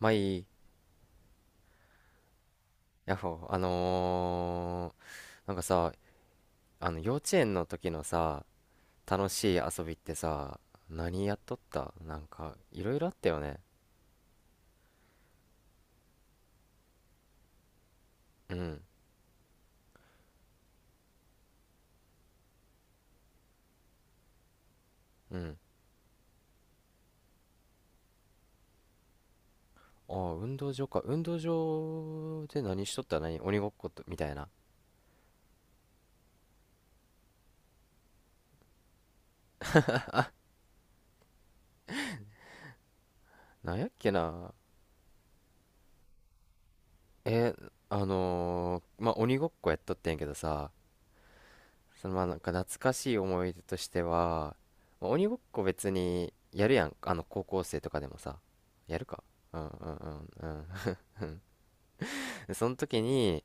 まあいい、ヤッホー、なんかさ、あの幼稚園の時のさ、楽しい遊びってさ、何やっとったいろいろあったよね。うん、うん。ああ、運動場か。運動場で何しとった、何、鬼ごっこと、みたいな。なんやっけな。まあ鬼ごっこやっとってんやけどさ、そのまあなんか懐かしい思い出としては、まあ鬼ごっこ別にやるやん。あの、高校生とかでもさ。やるか、うんうんうんうん。その時に、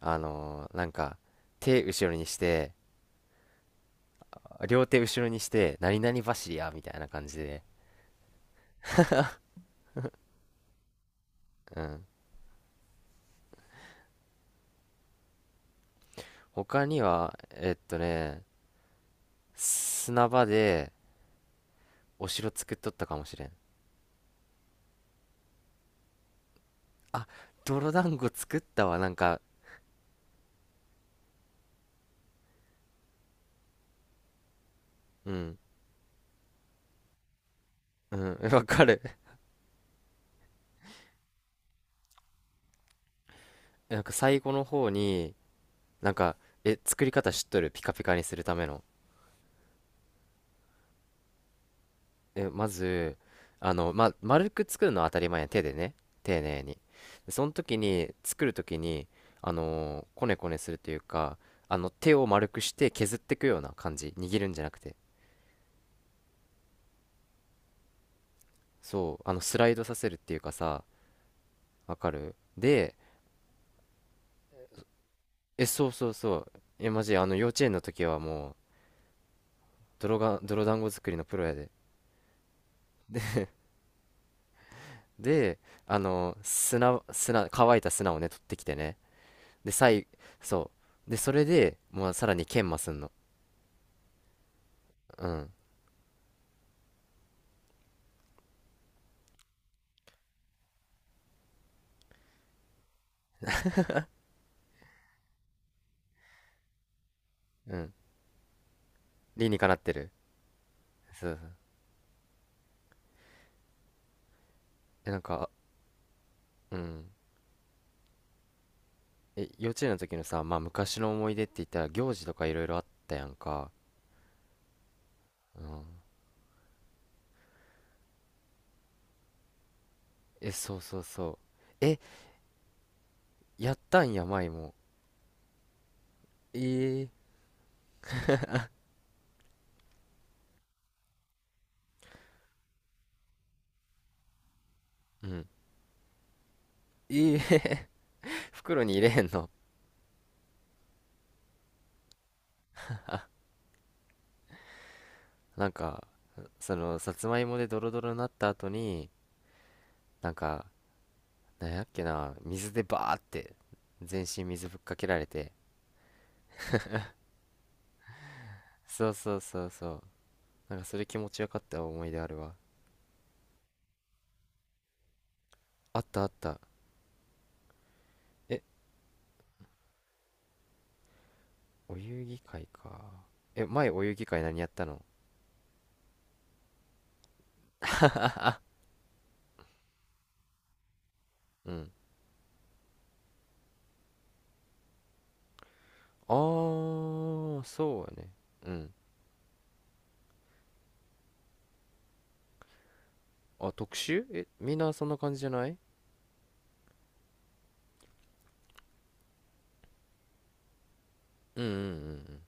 あのーなんか、手後ろにして、両手後ろにして、何々走りや、みたいな感じで。うん。他には、えっとね、砂場でお城作っとったかもしれん。あ、泥団子作ったわ、なんか、うん、うん、わかる。なんか最後の方に、なんか、え、作り方知っとる、ピカピカにするための。え、まず、あの、まあ、丸く作るのは当たり前や。手でね。丁寧に。でその時に、作る時に、こねこねするというか、あの、手を丸くして削っていくような感じ。握るんじゃなくて。そう。あの、スライドさせるっていうかさ、わかるで、え、そうそうそう。え、マジ、あの、幼稚園の時はもう、泥団子作りのプロやで。で、あの砂、乾いた砂をね、取ってきてね。で、そう。で、それで、もうさらに研磨すんの。うん。うん。理にかなってる。そうそう。え、なんか、うん。え、幼稚園の時のさ、まあ昔の思い出って言ったら行事とかいろいろあったやんか。うん。え、そうそうそう。え、やったんや、舞も。ええうん。ええ 袋に入れへんの。なんか、その、さつまいもでドロドロになった後に、なんか、なんやっけな、水でバーって、全身水ぶっかけられて。そうそうそうそう。なんかそれ気持ちよかった思い出あるわ。あったあった。え、お遊戯会か。え、前お遊戯会何やったの。うん。あー、そうやね。うん。あ、特集、え、みんなそんな感じじゃない、うんうんうんうん。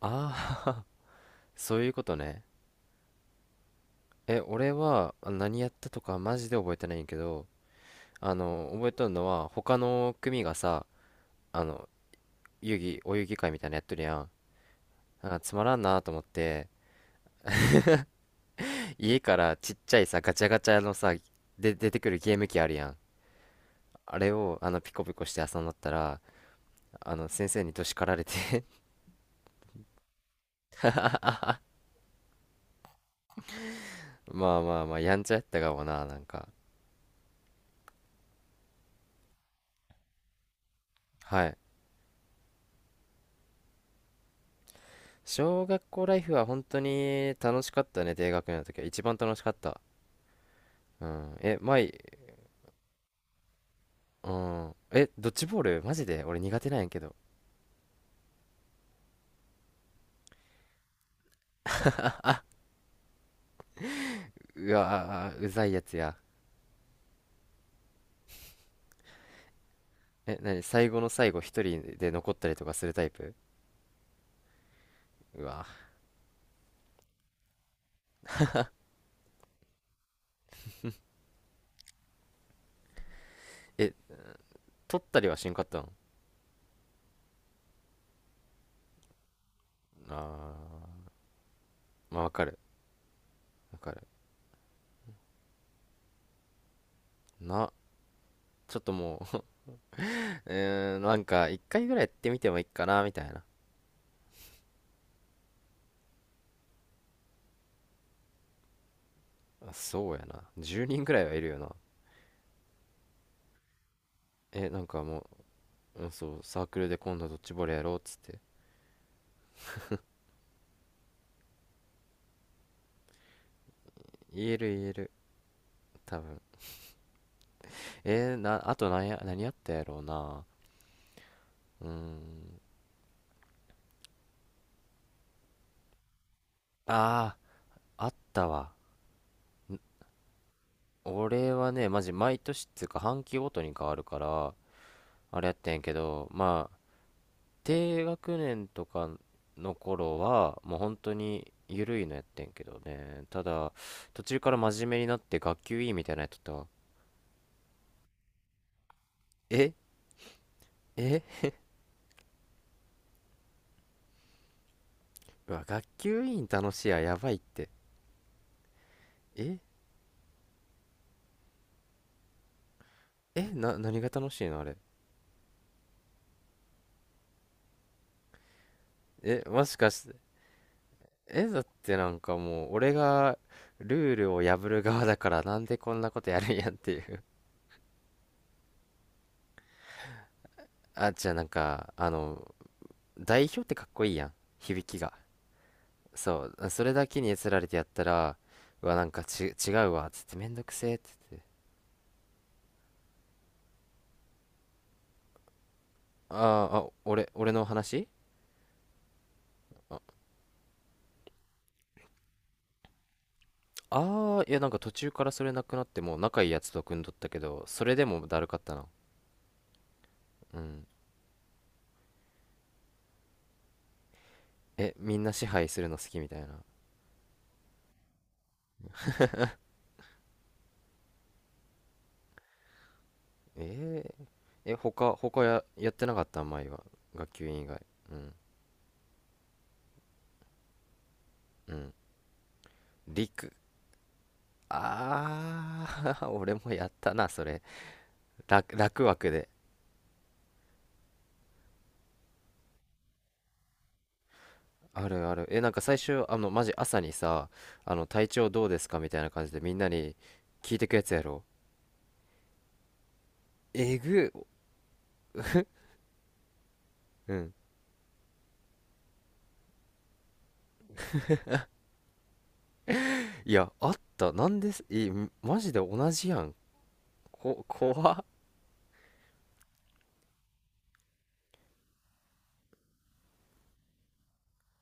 あー、そういうことね。え、俺はあ何やったとかマジで覚えてないんやけど、あの、覚えとるのは他の組がさ、あの、お遊戯会みたいなのやっとるやん。なんかつまらんなと思って、家からちっちゃいさ、ガチャガチャのさ、で、出てくるゲーム機あるやん。あれをあのピコピコして遊んだったら、あの先生にど叱られて まあまあまあやんちゃやったかもな、なんか。はい。小学校ライフは本当に楽しかったね、低学年の時は一番楽しかった。うんえ前。うんえ、ドッジボールマジで俺苦手なんやけど、うわーうざいやつや。えなに、最後の最後一人で残ったりとかするタイプ。うわー。え、取ったりはしんかったん。あー、まあわかるわかる。な、ちょっともう。うーん、なんか、一回ぐらいやってみてもいいかな、みたいな。あそうやな。10人ぐらいはいるよな。え、なんかもう、うん、そう、サークルで今度ドッジボールやろうっつって。言える言える、多分。えーな、あと何や、何やったやろうな。うーん。ああ、あったわ。俺はね、マジ毎年っつうか、半期ごとに変わるから、あれやってんけど、低学年とかの頃はもう本当に緩いのやってんけどね、ただ途中から真面目になって学級委員みたいなのやっとったわ。ええ。うわ学級委員楽しいや、やばいって。ええな、何が楽しいのあれ。えもしかして、えだってなんかもう俺がルールを破る側だから、なんでこんなことやるんやっていう。あじゃあなんかあの、代表ってかっこいいやん、響きが。そう、それだけにつられてやったら、うわ、なんか違うわ、つって、めんどくせえ、つって。あーあ、俺の話、あ、あー、いや、なんか途中からそれなくなってもう仲いいやつと組んどったけど、それでもだるかったな。うん。え、みんな支配するの好きみたいな。えー、え、やってなかった前は。学級委員以外。うん、うん。陸。ああ、俺もやったな、それ。楽枠で。あるある。え、なんか最初、あの、マジ朝にさ、あの、体調どうですかみたいな感じでみんなに聞いてくやつやろ。えぐ。うん。いや、あった。なんです、え、マジで同じやん。怖っ。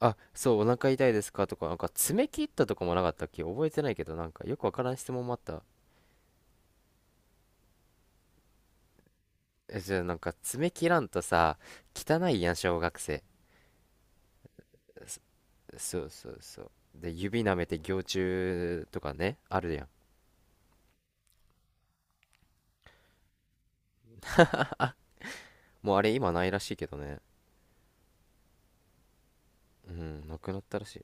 あ、そう、お腹痛いですかとか、なんか爪切ったとかもなかったっけ、覚えてないけど、なんかよくわからん質問もあった。え、じゃあなんか爪切らんとさ、汚いやん、小学生。そ、そうそうそう。で、指舐めて蟯虫とかね、あるやん。もうあれ今ないらしいけどね。うん、なくなったらしい。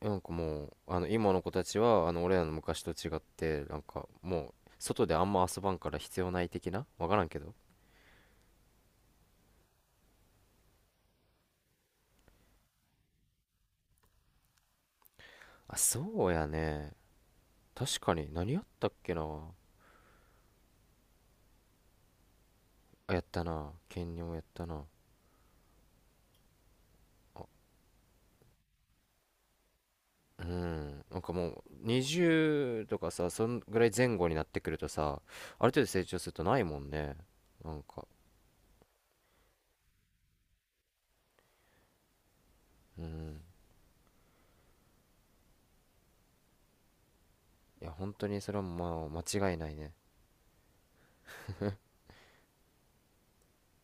なんかもうあの今の子たちはあの俺らの昔と違ってなんかもう外であんま遊ばんから必要ない的な、わからんけど。あそうやね。確かに何やったっけな。あやったな、兼任をやったな。あ、うん、なんかもう20とかさ、そんぐらい前後になってくるとさ、ある程度成長するとないもんね。なんか、うん、いや本当にそれはまあ間違いないね